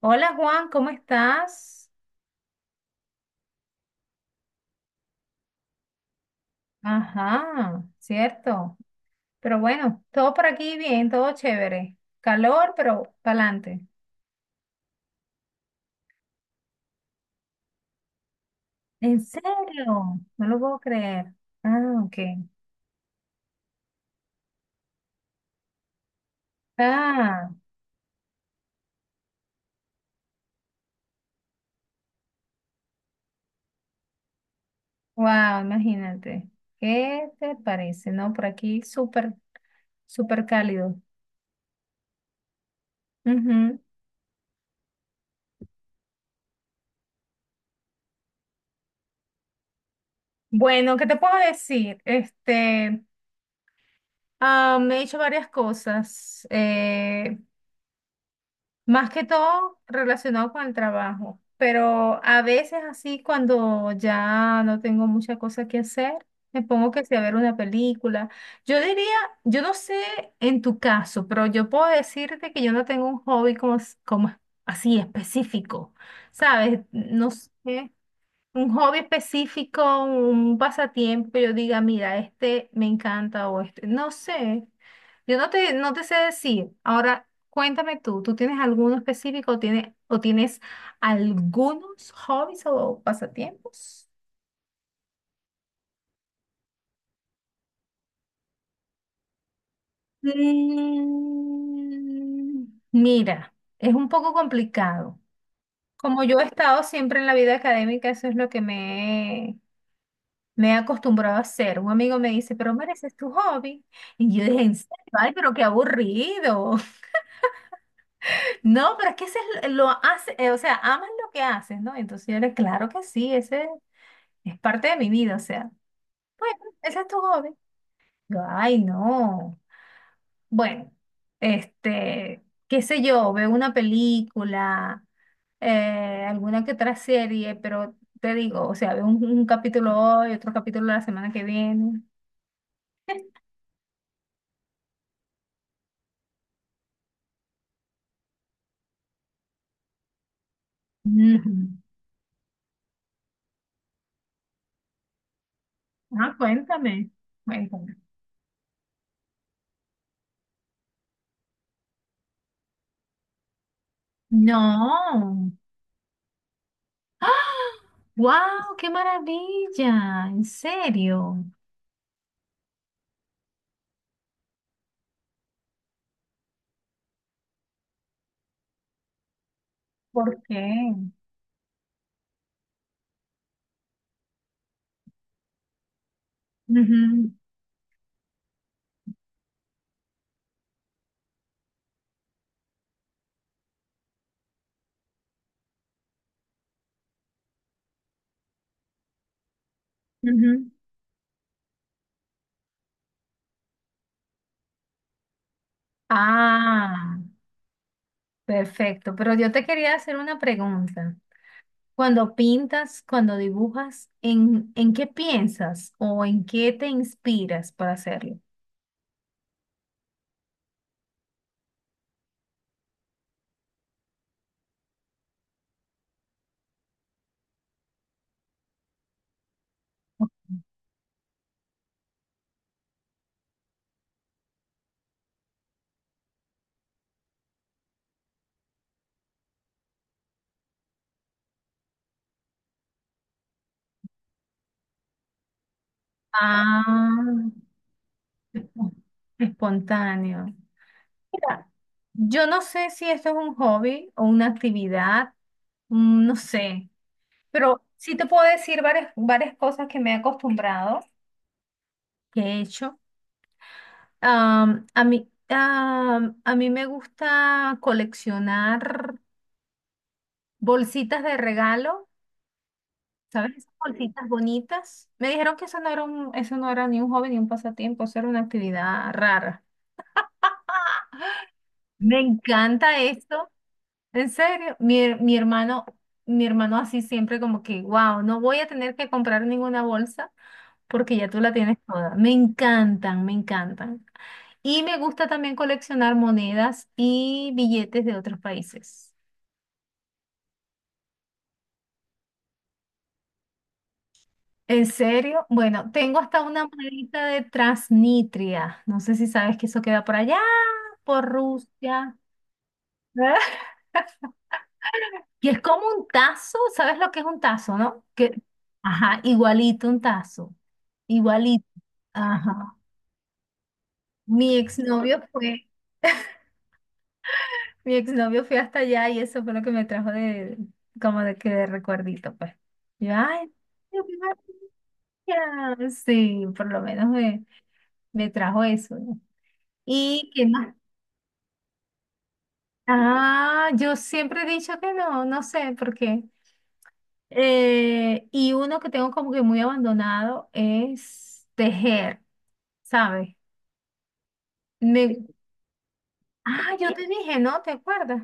Hola Juan, ¿cómo estás? Ajá, cierto. Pero bueno, todo por aquí bien, todo chévere. Calor, pero pa'lante. ¿En serio? No lo puedo creer. Ah, ok. Ah, wow, imagínate. ¿Qué te parece? No, por aquí súper, súper cálido. Ujú. Bueno, ¿qué te puedo decir? Me he hecho varias cosas. Más que todo relacionado con el trabajo, pero a veces así cuando ya no tengo mucha cosa que hacer, me pongo que sea a ver una película. Yo diría, yo no sé en tu caso, pero yo puedo decirte que yo no tengo un hobby como, como así específico, ¿sabes? No sé, un hobby específico, un pasatiempo, que yo diga, mira, este me encanta o este, no sé, yo no te sé decir. Ahora, cuéntame tú, ¿tú tienes alguno específico o o tienes algunos hobbies o pasatiempos? Mm, Mira, es un poco complicado. Como yo he estado siempre en la vida académica, eso es lo que me he acostumbrado a hacer. Un amigo me dice, pero Mara, ese es tu hobby. Y yo dije, en serio, ay, pero qué aburrido. No, pero es que ese es lo hace, o sea, amas lo que haces, ¿no? Entonces yo le, claro que sí, ese es parte de mi vida, o sea, bueno, ese es tu hobby. Yo, ay, no. Bueno, este, qué sé yo, veo una película, alguna que otra serie, pero te digo, o sea, veo un capítulo hoy, otro capítulo la semana que viene. Ah, cuéntame, cuéntame. No. ¡Wow! ¡Qué maravilla! ¿En serio? ¿Por qué? Ujú, ujú. Ah, Perfecto. Pero yo te quería hacer una pregunta. Cuando pintas, cuando dibujas, en qué piensas o en qué te inspiras para hacerlo? Ah. Espontáneo. Mira, yo no sé si esto es un hobby o una actividad, mm, no sé, pero sí te puedo decir varias, varias cosas que me he acostumbrado, que he hecho. A mí, a mí me gusta coleccionar bolsitas de regalo, ¿sabes? Esas bolsitas bonitas. Me dijeron que eso no era un, eso no era ni un hobby ni un pasatiempo, eso era una actividad rara. Me encanta esto. En serio, mi hermano así siempre como que, wow, no voy a tener que comprar ninguna bolsa porque ya tú la tienes toda. Me encantan, me encantan. Y me gusta también coleccionar monedas y billetes de otros países. ¿En serio? Bueno, tengo hasta una monedita de Transnitria. No sé si sabes que eso queda por allá, por Rusia. Y es como un tazo, ¿sabes lo que es un tazo, no? Que, ajá, igualito un tazo, igualito. Ajá. Mi exnovio fue, Mi exnovio fue hasta allá y eso fue lo que me trajo de, como de que de recuerdito, pues. Y yo, ay, qué gracias. Sí, por lo menos me trajo eso, ¿no? ¿Y qué más? Ah, yo siempre he dicho que no, no sé por qué. Y uno que tengo como que muy abandonado es tejer. ¿Sabes? Me... Ah, yo te dije, ¿no? ¿Te acuerdas?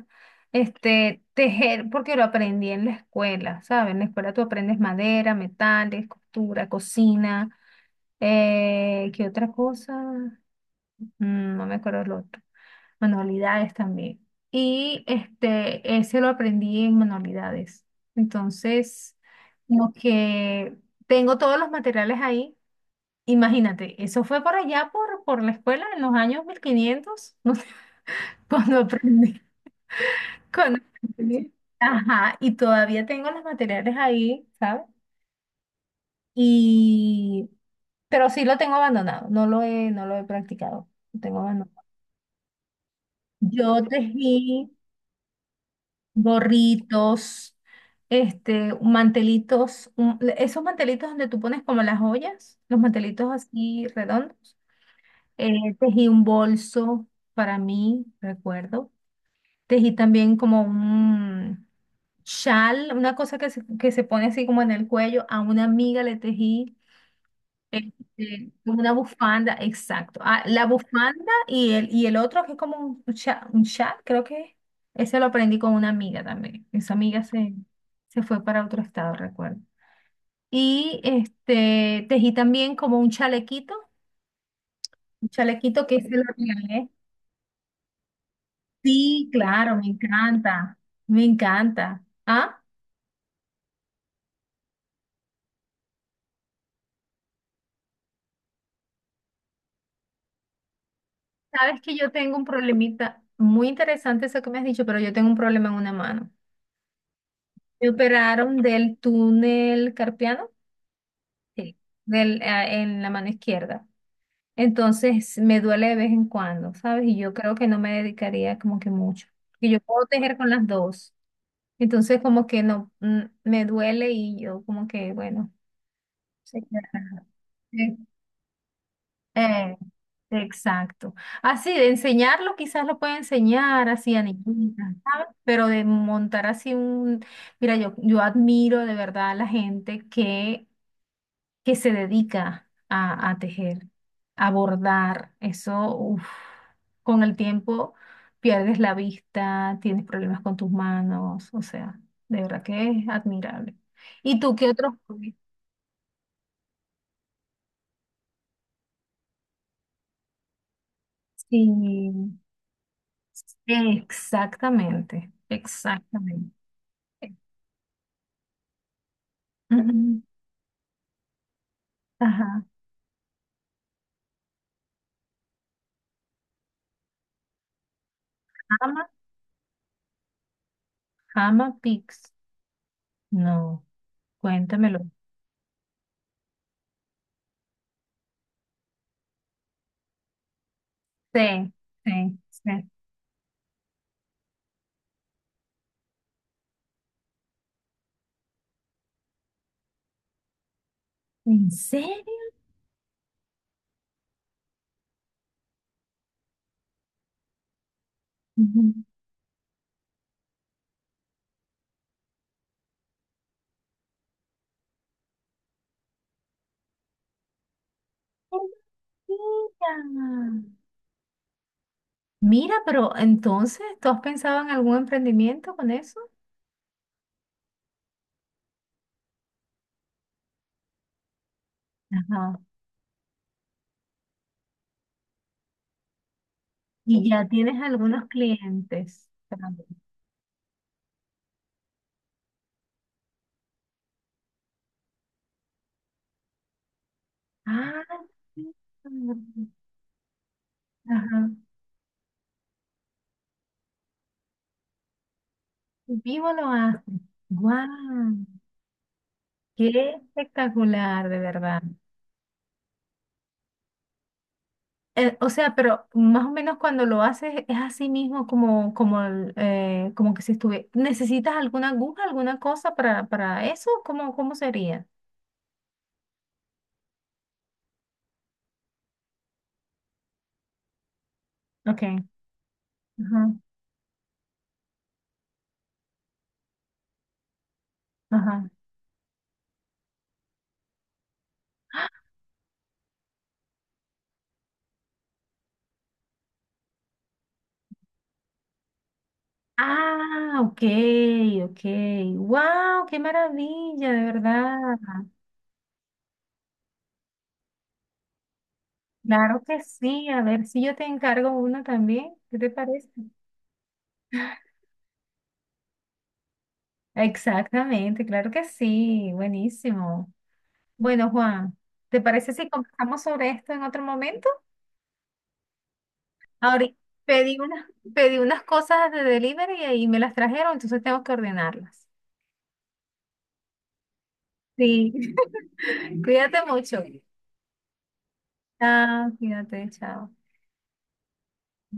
Este, tejer, porque lo aprendí en la escuela, ¿sabes? En la escuela tú aprendes madera, metales, costura, cocina, ¿qué otra cosa? Mm, no me acuerdo el otro. Manualidades también. Y este, ese lo aprendí en manualidades. Entonces, lo que tengo todos los materiales ahí. Imagínate, eso fue por allá, por la escuela, en los años 1500 cuando aprendí, cuando aprendí. Ajá, y todavía tengo los materiales ahí, ¿sabes? Y, pero sí lo tengo abandonado, no lo he practicado, lo tengo abandonado. Yo tejí gorritos, este, mantelitos, esos mantelitos donde tú pones como las joyas, los mantelitos así redondos. Tejí un bolso para mí, recuerdo. Tejí también como chal, una cosa que se pone así como en el cuello, a una amiga le tejí este, como una bufanda, exacto. Ah, la bufanda y y el otro que es como un chal, creo que es. Ese lo aprendí con una amiga también. Esa amiga se fue para otro estado, recuerdo. Y este, tejí también como un chalequito que se lo regalé. Sí, claro, me encanta, me encanta. ¿Ah? Sabes que yo tengo un problemita muy interesante eso que me has dicho, pero yo tengo un problema en una mano. Me operaron del túnel carpiano, sí, en la mano izquierda. Entonces me duele de vez en cuando, ¿sabes? Y yo creo que no me dedicaría como que mucho. Que yo puedo tejer con las dos. Entonces como que no, mm, me duele y yo como que, bueno, se queda. Eh, exacto. Así, de enseñarlo, quizás lo puede enseñar así a niñitas, ¿sabes? Pero de montar así un... Mira, yo admiro de verdad a la gente que se dedica a tejer, a bordar. Eso, uf, con el tiempo pierdes la vista, tienes problemas con tus manos, o sea, de verdad que es admirable. ¿Y tú qué otros hobbies? Sí. Exactamente, exactamente. Ujú. Ajá. Ama, ama Pix. No, cuéntamelo. Sí, sí, sí. ¿En serio? Ujú. Mira, mira, pero entonces, ¿tú has pensado en algún emprendimiento con eso? Ajá. Y ya tienes algunos clientes. Ah, mira, ajá. Vivo lo hace. Guau. Qué espectacular, de verdad. O sea, pero más o menos cuando lo haces es así mismo como, como, como que si estuve. ¿Necesitas alguna aguja, alguna cosa para eso? ¿Cómo, cómo sería? Ok. Ajá, ajá. Ah, ok, ok. Wow, qué maravilla, de verdad. Claro que sí. A ver si yo te encargo una también. ¿Qué te parece? Exactamente, claro que sí. Buenísimo. Bueno, Juan, ¿te parece si conversamos sobre esto en otro momento? Ahorita pedí unas, pedí unas cosas de delivery y ahí me las trajeron, entonces tengo que ordenarlas. Sí, cuídate mucho. Chao, cuídate, chao.